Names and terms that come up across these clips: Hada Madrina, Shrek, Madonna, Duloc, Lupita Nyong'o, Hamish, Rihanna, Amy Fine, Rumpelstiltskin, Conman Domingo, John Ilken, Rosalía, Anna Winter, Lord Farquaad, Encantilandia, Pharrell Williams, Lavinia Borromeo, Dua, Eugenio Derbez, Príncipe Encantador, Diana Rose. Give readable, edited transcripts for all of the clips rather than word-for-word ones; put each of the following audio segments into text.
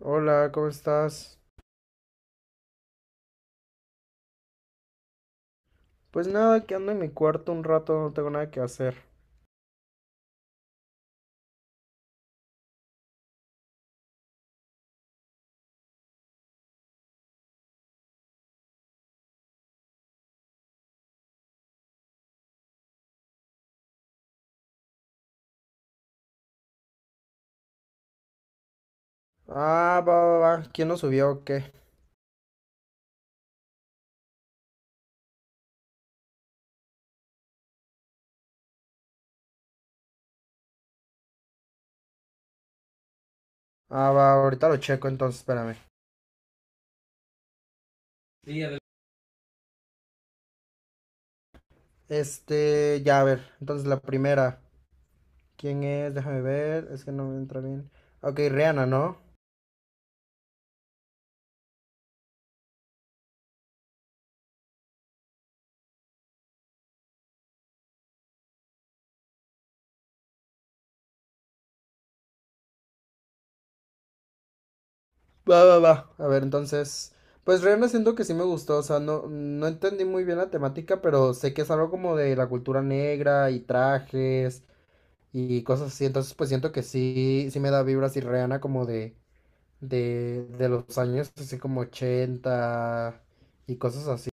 Hola, ¿cómo estás? Pues nada, que ando en mi cuarto un rato, no tengo nada que hacer. Ah, va, va, va. ¿Quién lo subió o qué? Ah, va, ahorita lo checo, entonces espérame. Este, ya a ver. Entonces la primera. ¿Quién es? Déjame ver. Es que no me entra bien. Ok, Rihanna, ¿no? Va, va, va. A ver, entonces. Pues Rihanna siento que sí me gustó. O sea, no, no entendí muy bien la temática, pero sé que es algo como de la cultura negra y trajes y cosas así. Entonces, pues siento que sí, sí me da vibras y Rihanna como de los años así como 80 y cosas así.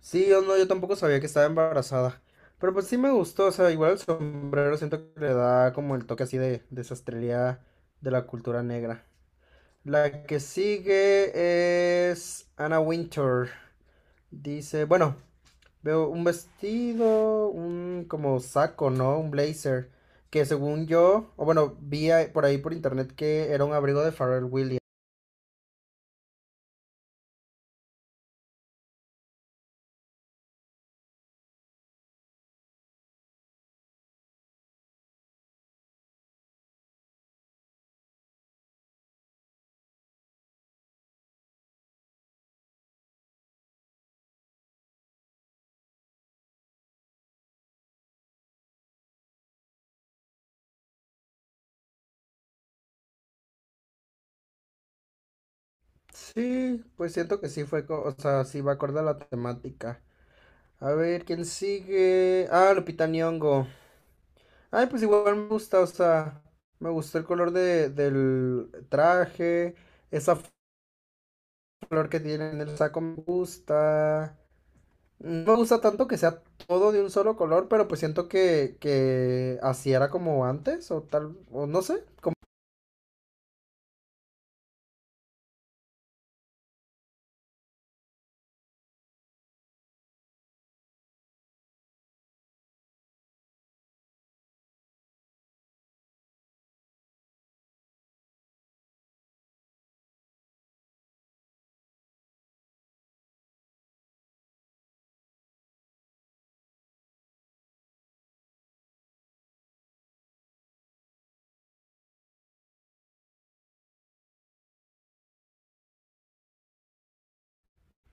Sí, yo no, yo tampoco sabía que estaba embarazada. Pero pues sí me gustó, o sea, igual el sombrero siento que le da como el toque así de sastrería de la cultura negra. La que sigue es Anna Winter. Dice, bueno, veo un vestido, un como saco, ¿no? Un blazer. Que según yo, o bueno, por ahí por internet que era un abrigo de Pharrell Williams. Sí, pues siento que o sea, sí va acorde a la temática. A ver, ¿quién sigue? Ah, Lupita Nyong'o. Ay, pues igual me gusta, o sea, me gustó el color de, del traje, esa flor que tiene en el saco me gusta. No me gusta tanto que sea todo de un solo color, pero pues siento que así era como antes, o tal, o no sé.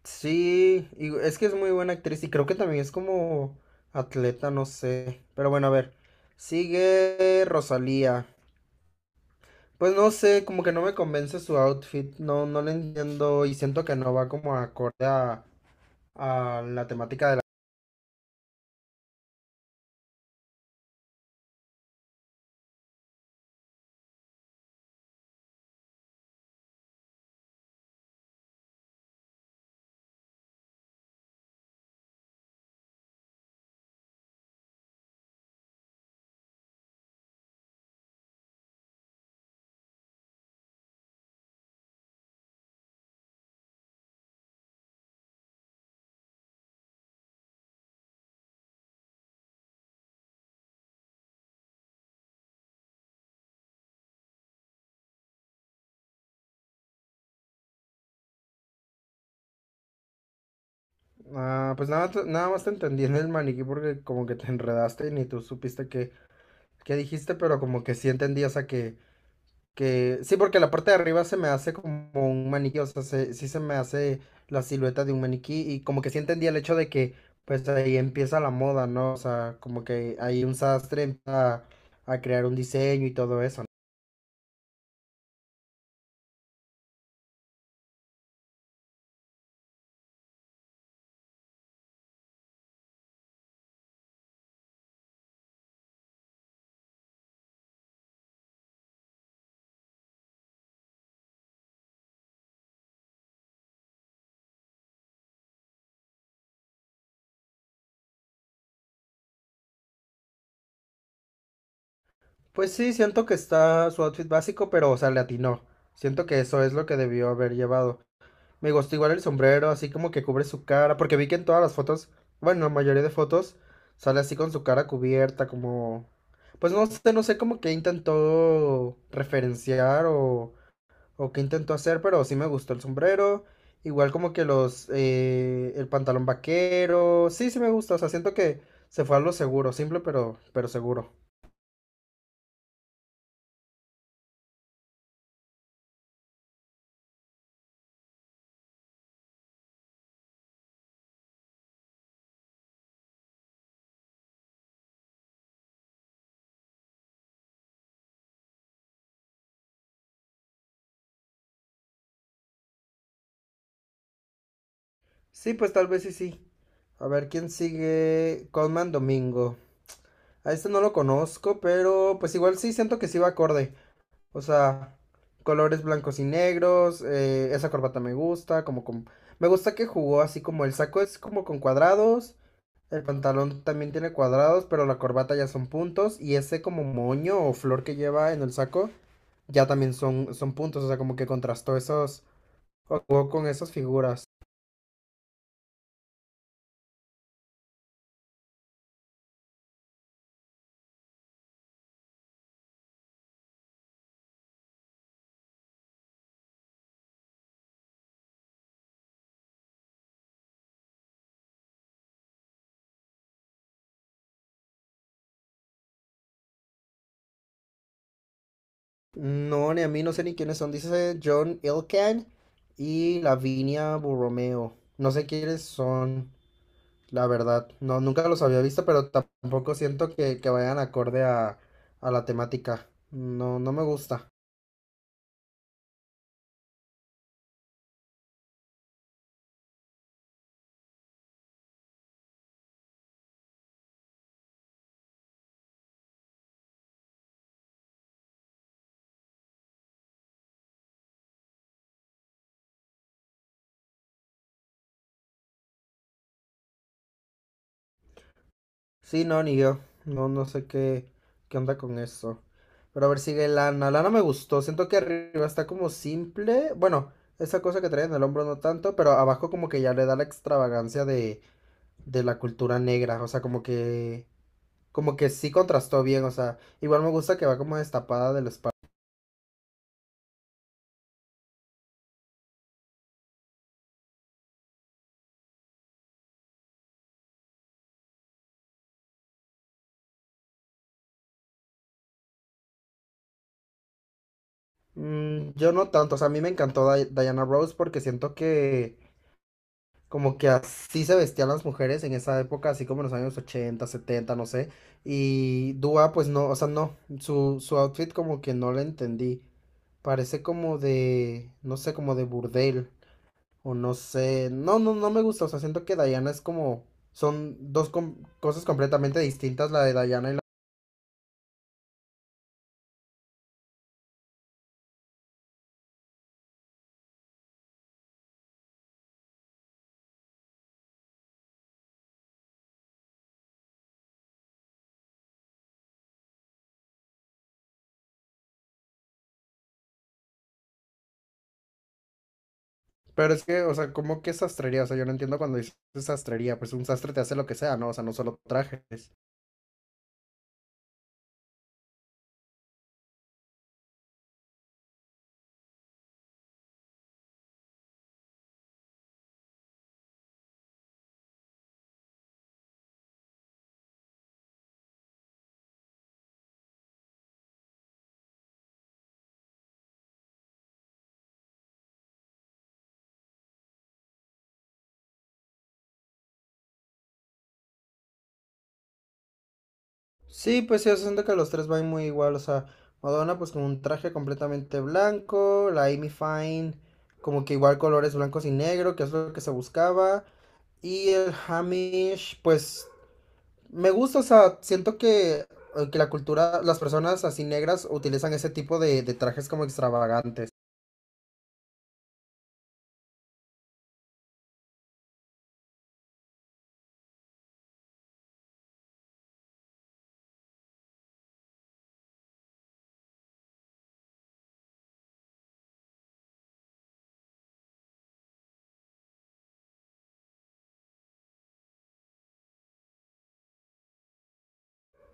Sí, y es que es muy buena actriz y creo que también es como atleta, no sé. Pero bueno, a ver. Sigue Rosalía. Pues no sé, como que no me convence su outfit, no, no le entiendo y siento que no va como acorde a la temática de la... Ah, pues nada, nada más te entendí en el maniquí porque como que te enredaste y ni tú supiste qué, qué dijiste, pero como que sí entendí, o sea, que sí, porque la parte de arriba se me hace como un maniquí, o sea, sí se me hace la silueta de un maniquí y como que sí entendía el hecho de que pues ahí empieza la moda, ¿no? O sea, como que ahí un sastre empieza a crear un diseño y todo eso, ¿no? Pues sí, siento que está su outfit básico, pero o sea, le atinó. Siento que eso es lo que debió haber llevado. Me gustó igual el sombrero, así como que cubre su cara, porque vi que en todas las fotos, bueno, la mayoría de fotos sale así con su cara cubierta, como, pues no sé, no sé como que intentó referenciar o qué intentó hacer, pero sí me gustó el sombrero, igual como que los, el pantalón vaquero, sí, sí me gusta, o sea, siento que se fue a lo seguro, simple pero seguro. Sí, pues tal vez sí, sí. A ver quién sigue. Conman Domingo. A este no lo conozco, pero pues igual sí siento que sí va acorde. O sea, colores blancos y negros, esa corbata me gusta, como con... Me gusta que jugó así como el saco es como con cuadrados, el pantalón también tiene cuadrados, pero la corbata ya son puntos y ese como moño o flor que lleva en el saco ya también son, son puntos, o sea, como que contrastó esos, o jugó con esas figuras. No, ni a mí no sé ni quiénes son. Dice John Ilken y Lavinia Borromeo. No sé quiénes son, la verdad. No, nunca los había visto, pero tampoco siento que vayan acorde a la temática. No, no me gusta. Sí, no, ni yo. No, no sé qué, qué onda con eso. Pero a ver, sigue Lana. Lana me gustó. Siento que arriba está como simple. Bueno, esa cosa que trae en el hombro no tanto, pero abajo como que ya le da la extravagancia de la cultura negra. O sea, como que sí contrastó bien, o sea, igual me gusta que va como destapada de la espalda. Mm, yo no tanto, o sea, a mí me encantó Diana Rose porque siento que como que así se vestían las mujeres en esa época, así como en los años 80, 70, no sé. Y Dua, pues no, o sea, no, su outfit como que no la entendí. Parece como de, no sé, como de burdel, o no sé, no, no, no me gusta, o sea, siento que Diana es como, son dos cosas completamente distintas, la de Diana y la... Pero es que, o sea, ¿cómo que sastrería? O sea, yo no entiendo cuando dices sastrería. Pues un sastre te hace lo que sea, ¿no? O sea, no solo trajes. Sí, pues sí, yo siento que los tres van muy igual, o sea, Madonna pues con un traje completamente blanco, la Amy Fine como que igual colores blancos y negro, que es lo que se buscaba, y el Hamish pues me gusta, o sea, siento que la cultura, las personas así negras utilizan ese tipo de trajes como extravagantes.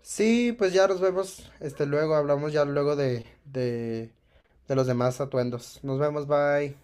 Sí, pues ya nos vemos, este, luego hablamos ya luego de los demás atuendos. Nos vemos, bye.